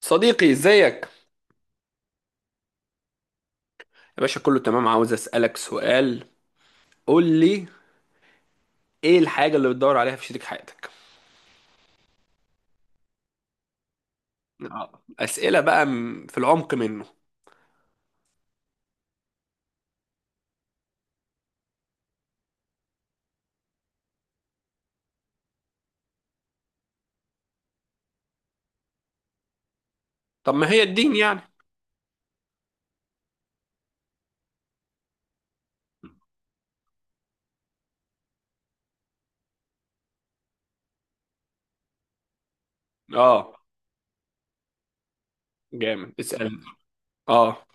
صديقي، ازيك؟ يا باشا كله تمام. عاوز اسالك سؤال. قول لي ايه الحاجه اللي بتدور عليها في شريك حياتك. اه، اسئله بقى في العمق منه. طب ما هي الدين يعني؟ اه، جامد، اسال. اه،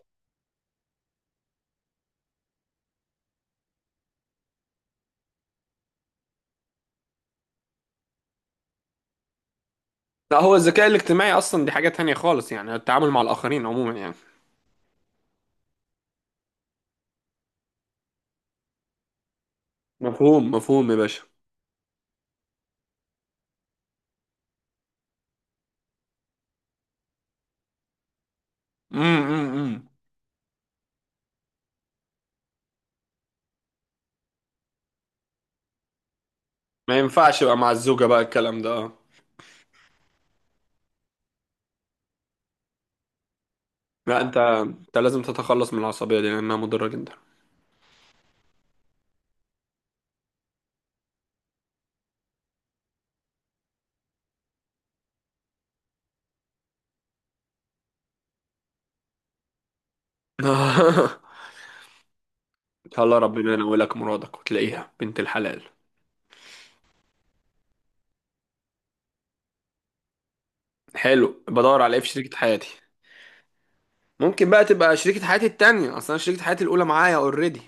لا، هو الذكاء الاجتماعي اصلا دي حاجه تانية خالص، يعني التعامل مع الاخرين عموما يعني. مفهوم مفهوم يا باشا. امم. ما ينفعش بقى مع الزوجه بقى الكلام ده، اه. لا، انت لازم تتخلص من العصبيه دي لانها مضره جدا. الله، ربنا ينولك مرادك وتلاقيها بنت الحلال. حلو، بدور على ايه في شريكة حياتي. ممكن بقى تبقى شريكة حياتي التانية، اصلا شريكة حياتي الاولى معايا اوريدي.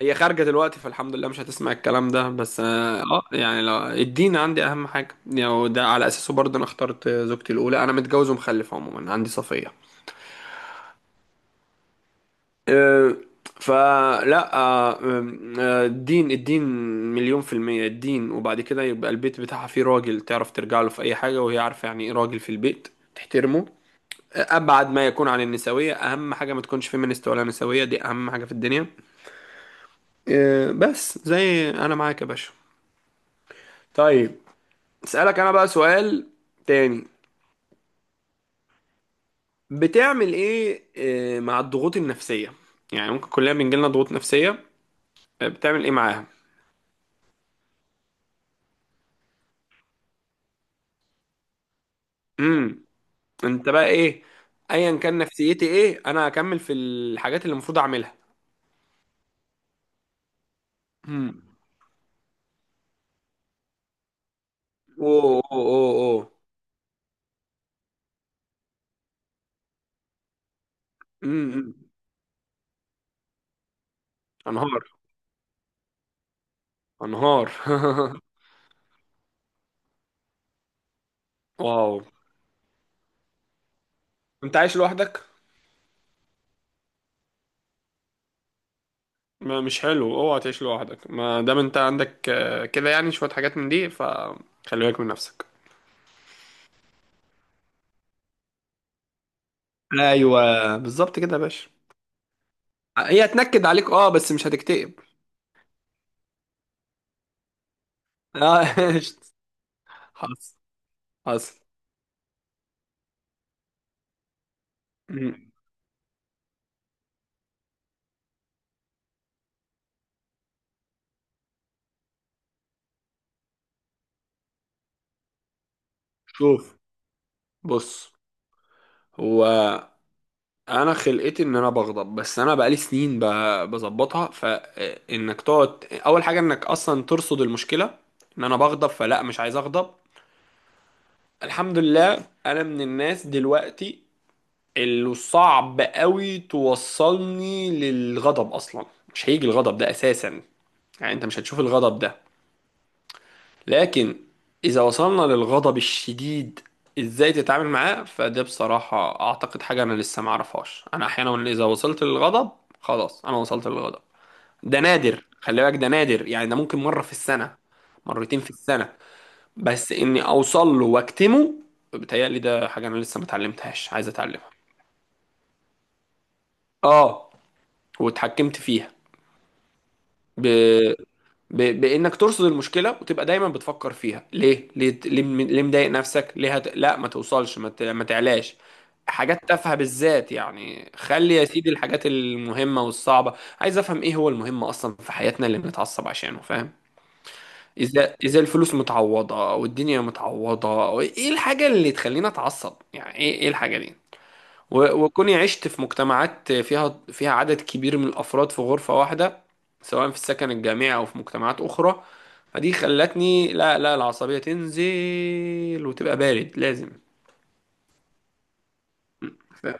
هي خارجة دلوقتي فالحمد لله مش هتسمع الكلام ده. بس اه، يعني لو الدين عندي اهم حاجة يعني، وده على اساسه برضه انا اخترت زوجتي الاولى. انا متجوز ومخلف، عموما عندي صفية. أه، فلا. أه، أه، الدين الدين، 1,000,000% الدين. وبعد كده يبقى البيت بتاعها فيه راجل تعرف ترجع له في أي حاجة، وهي عارفة يعني إيه راجل في البيت. تحترمه. أبعد ما يكون عن النسوية، أهم حاجة ما تكونش فيمينيست ولا نسوية، دي أهم حاجة في الدنيا. بس زي أنا، معاك يا باشا. طيب. أسألك أنا بقى سؤال تاني. بتعمل إيه مع الضغوط النفسية؟ يعني ممكن كلنا بنجيلنا ضغوط نفسية. بتعمل إيه معاها؟ امم. أنت بقى إيه؟ أيا كان نفسيتي إيه، أنا هكمل في الحاجات اللي المفروض أعملها. امم. أوه أوه أوه أوه. امم. أمم. أنهار. أنهار. واو. أنت عايش لوحدك؟ ما مش حلو، اوعى تعيش لوحدك، ما دام انت عندك كده يعني شوية حاجات من دي، فخلي بالك من نفسك. ايوه، بالظبط كده يا باشا. هي هتنكد عليك اه، بس مش هتكتئب. اه. حصل. حصل. مم. شوف. بص. هو انا خلقتي ان انا بغضب، بس انا بقالي سنين بظبطها. فانك تقعد اول حاجه انك اصلا ترصد المشكله. ان انا بغضب فلا، مش عايز اغضب. الحمد لله، انا من الناس دلوقتي اللي صعب قوي توصلني للغضب اصلا. مش هيجي الغضب ده اساسا. يعني انت مش هتشوف الغضب ده. لكن اذا وصلنا للغضب الشديد، ازاي تتعامل معاه؟ فده بصراحة اعتقد حاجة انا لسه ما اعرفهاش. انا احيانا اذا وصلت للغضب، خلاص انا وصلت للغضب. ده نادر خلي بالك، ده نادر. يعني ده ممكن مرة في السنة، مرتين في السنة. بس اني اوصل له واكتمه، بتهيألي ده حاجة انا لسه ما اتعلمتهاش، عايز اتعلمها. اه. واتحكمت فيها ب... بانك ترصد المشكله، وتبقى دايما بتفكر فيها ليه ليه ليه، ليه مضايق نفسك، ليه لا ما توصلش، ما تعلاش حاجات تافهه بالذات. يعني خلي يا سيدي الحاجات المهمه والصعبه. عايز افهم ايه هو المهم اصلا في حياتنا اللي بنتعصب عشانه، فاهم؟ اذا الفلوس متعوضه والدنيا متعوضه، ايه الحاجه اللي تخلينا اتعصب؟ يعني ايه، ايه الحاجه دي؟ وكوني عشت في مجتمعات فيها عدد كبير من الأفراد في غرفة واحدة، سواء في السكن الجامعي أو في مجتمعات أخرى، فدي خلتني، لا لا، العصبية تنزل وتبقى بارد، لازم. ف-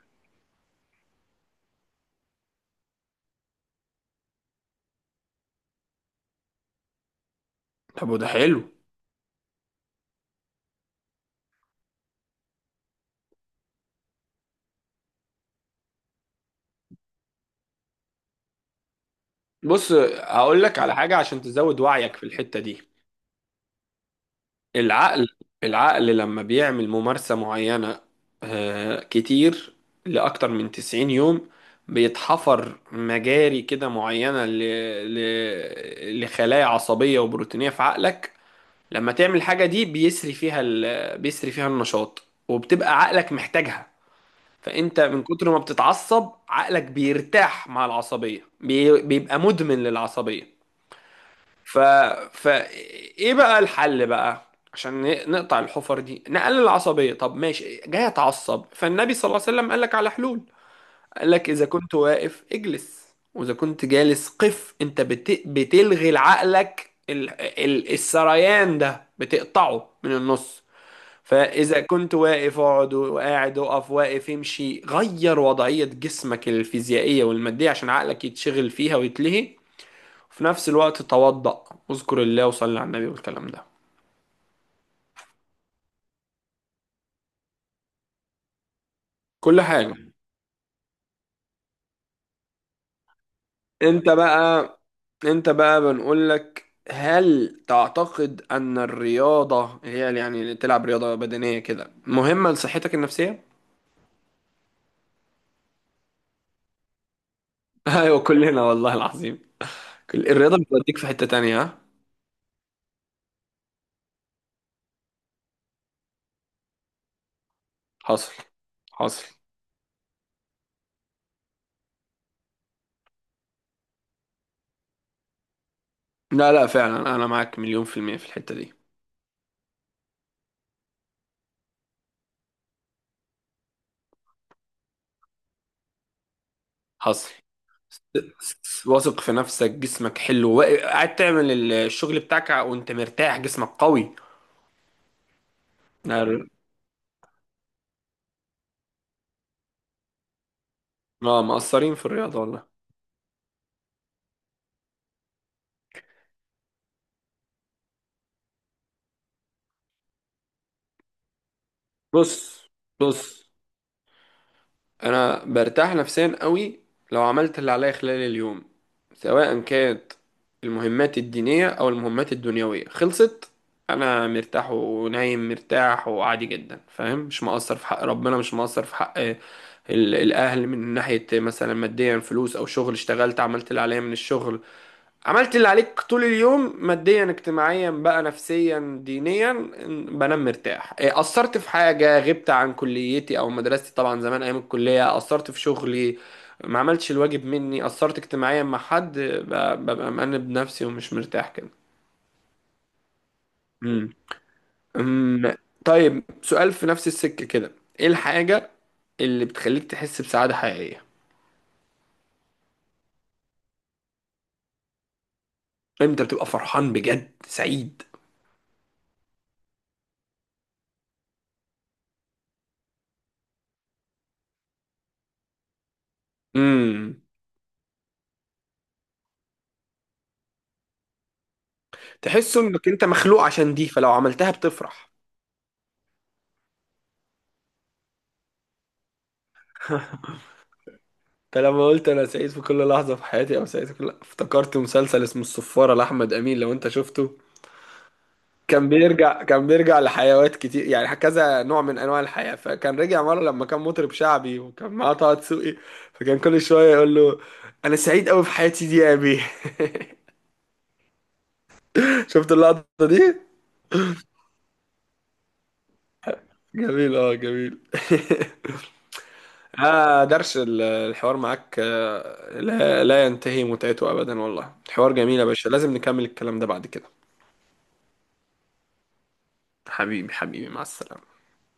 طب وده حلو. بص هقول لك على حاجة عشان تزود وعيك في الحتة دي. العقل، العقل لما بيعمل ممارسة معينة كتير لأكتر من 90 يوم، بيتحفر مجاري كده معينة لخلايا عصبية وبروتينية في عقلك. لما تعمل حاجة دي بيسري فيها بيسري فيها النشاط، وبتبقى عقلك محتاجها. فأنت من كتر ما بتتعصب عقلك بيرتاح مع العصبية، بيبقى مدمن للعصبية. ف... ف ايه بقى الحل بقى، عشان نقطع الحفر دي، نقلل العصبية. طب ماشي جاي اتعصب، فالنبي صلى الله عليه وسلم قال لك على حلول. قال لك اذا كنت واقف اجلس، واذا كنت جالس قف. انت بتلغي لعقلك السريان ده، بتقطعه من النص. فاذا كنت واقف اقعد، وقاعد اقف، واقف امشي. غير وضعية جسمك الفيزيائية والمادية عشان عقلك يتشغل فيها ويتلهي. في نفس الوقت توضأ، اذكر الله وصلي على النبي والكلام ده. كل حاجة. انت بقى، انت بقى بنقول لك، هل تعتقد ان الرياضة هي يعني اللي تلعب رياضة بدنية كده مهمة لصحتك النفسية؟ ايوه، كلنا والله العظيم. كل الرياضة بتوديك في حتة تانية، ها؟ حصل. حصل. لا لا، فعلا انا معاك 1,000,000% في الحتة دي. حصل. واثق في نفسك، جسمك حلو، قاعد تعمل الشغل بتاعك وانت مرتاح، جسمك قوي. اه، مقصرين في الرياضة والله. بص. بص. انا برتاح نفسيا قوي لو عملت اللي عليا خلال اليوم، سواء كانت المهمات الدينية او المهمات الدنيوية خلصت، انا مرتاح ونايم مرتاح وعادي جدا، فاهم؟ مش مقصر في حق ربنا، مش مقصر في حق الاهل من ناحية مثلا ماديا، فلوس او شغل، اشتغلت عملت اللي عليا من الشغل. عملت اللي عليك طول اليوم ماديا، اجتماعيا بقى، نفسيا، دينيا، بنام مرتاح. أثرت في حاجة، غبت عن كليتي أو مدرستي، طبعا زمان أيام الكلية، أثرت في شغلي، ما عملتش الواجب مني، أثرت اجتماعيا مع حد، ببقى مأنب نفسي ومش مرتاح كده. مم. أم، طيب، سؤال في نفس السكة كده. إيه الحاجة اللي بتخليك تحس بسعادة حقيقية؟ إمتى بتبقى فرحان بجد سعيد؟ امم. تحس انك انت مخلوق عشان دي، فلو عملتها بتفرح. انت لما قلت انا سعيد في كل لحظه في حياتي او سعيد في كل، افتكرت مسلسل اسمه الصفاره لاحمد امين، لو انت شفته، كان بيرجع، كان بيرجع لحيوات كتير، يعني كذا نوع من انواع الحياه. فكان رجع مره لما كان مطرب شعبي وكان معاه طه دسوقي، فكان كل شويه يقول له، انا سعيد قوي في حياتي دي يا ابي. شفت اللقطه دي. جميل، اه، جميل. آه درش الحوار معاك، لا لا ينتهي متعته ابدا والله، حوار جميل يا باشا، لازم نكمل الكلام ده بعد كده. حبيبي، حبيبي، مع السلامة.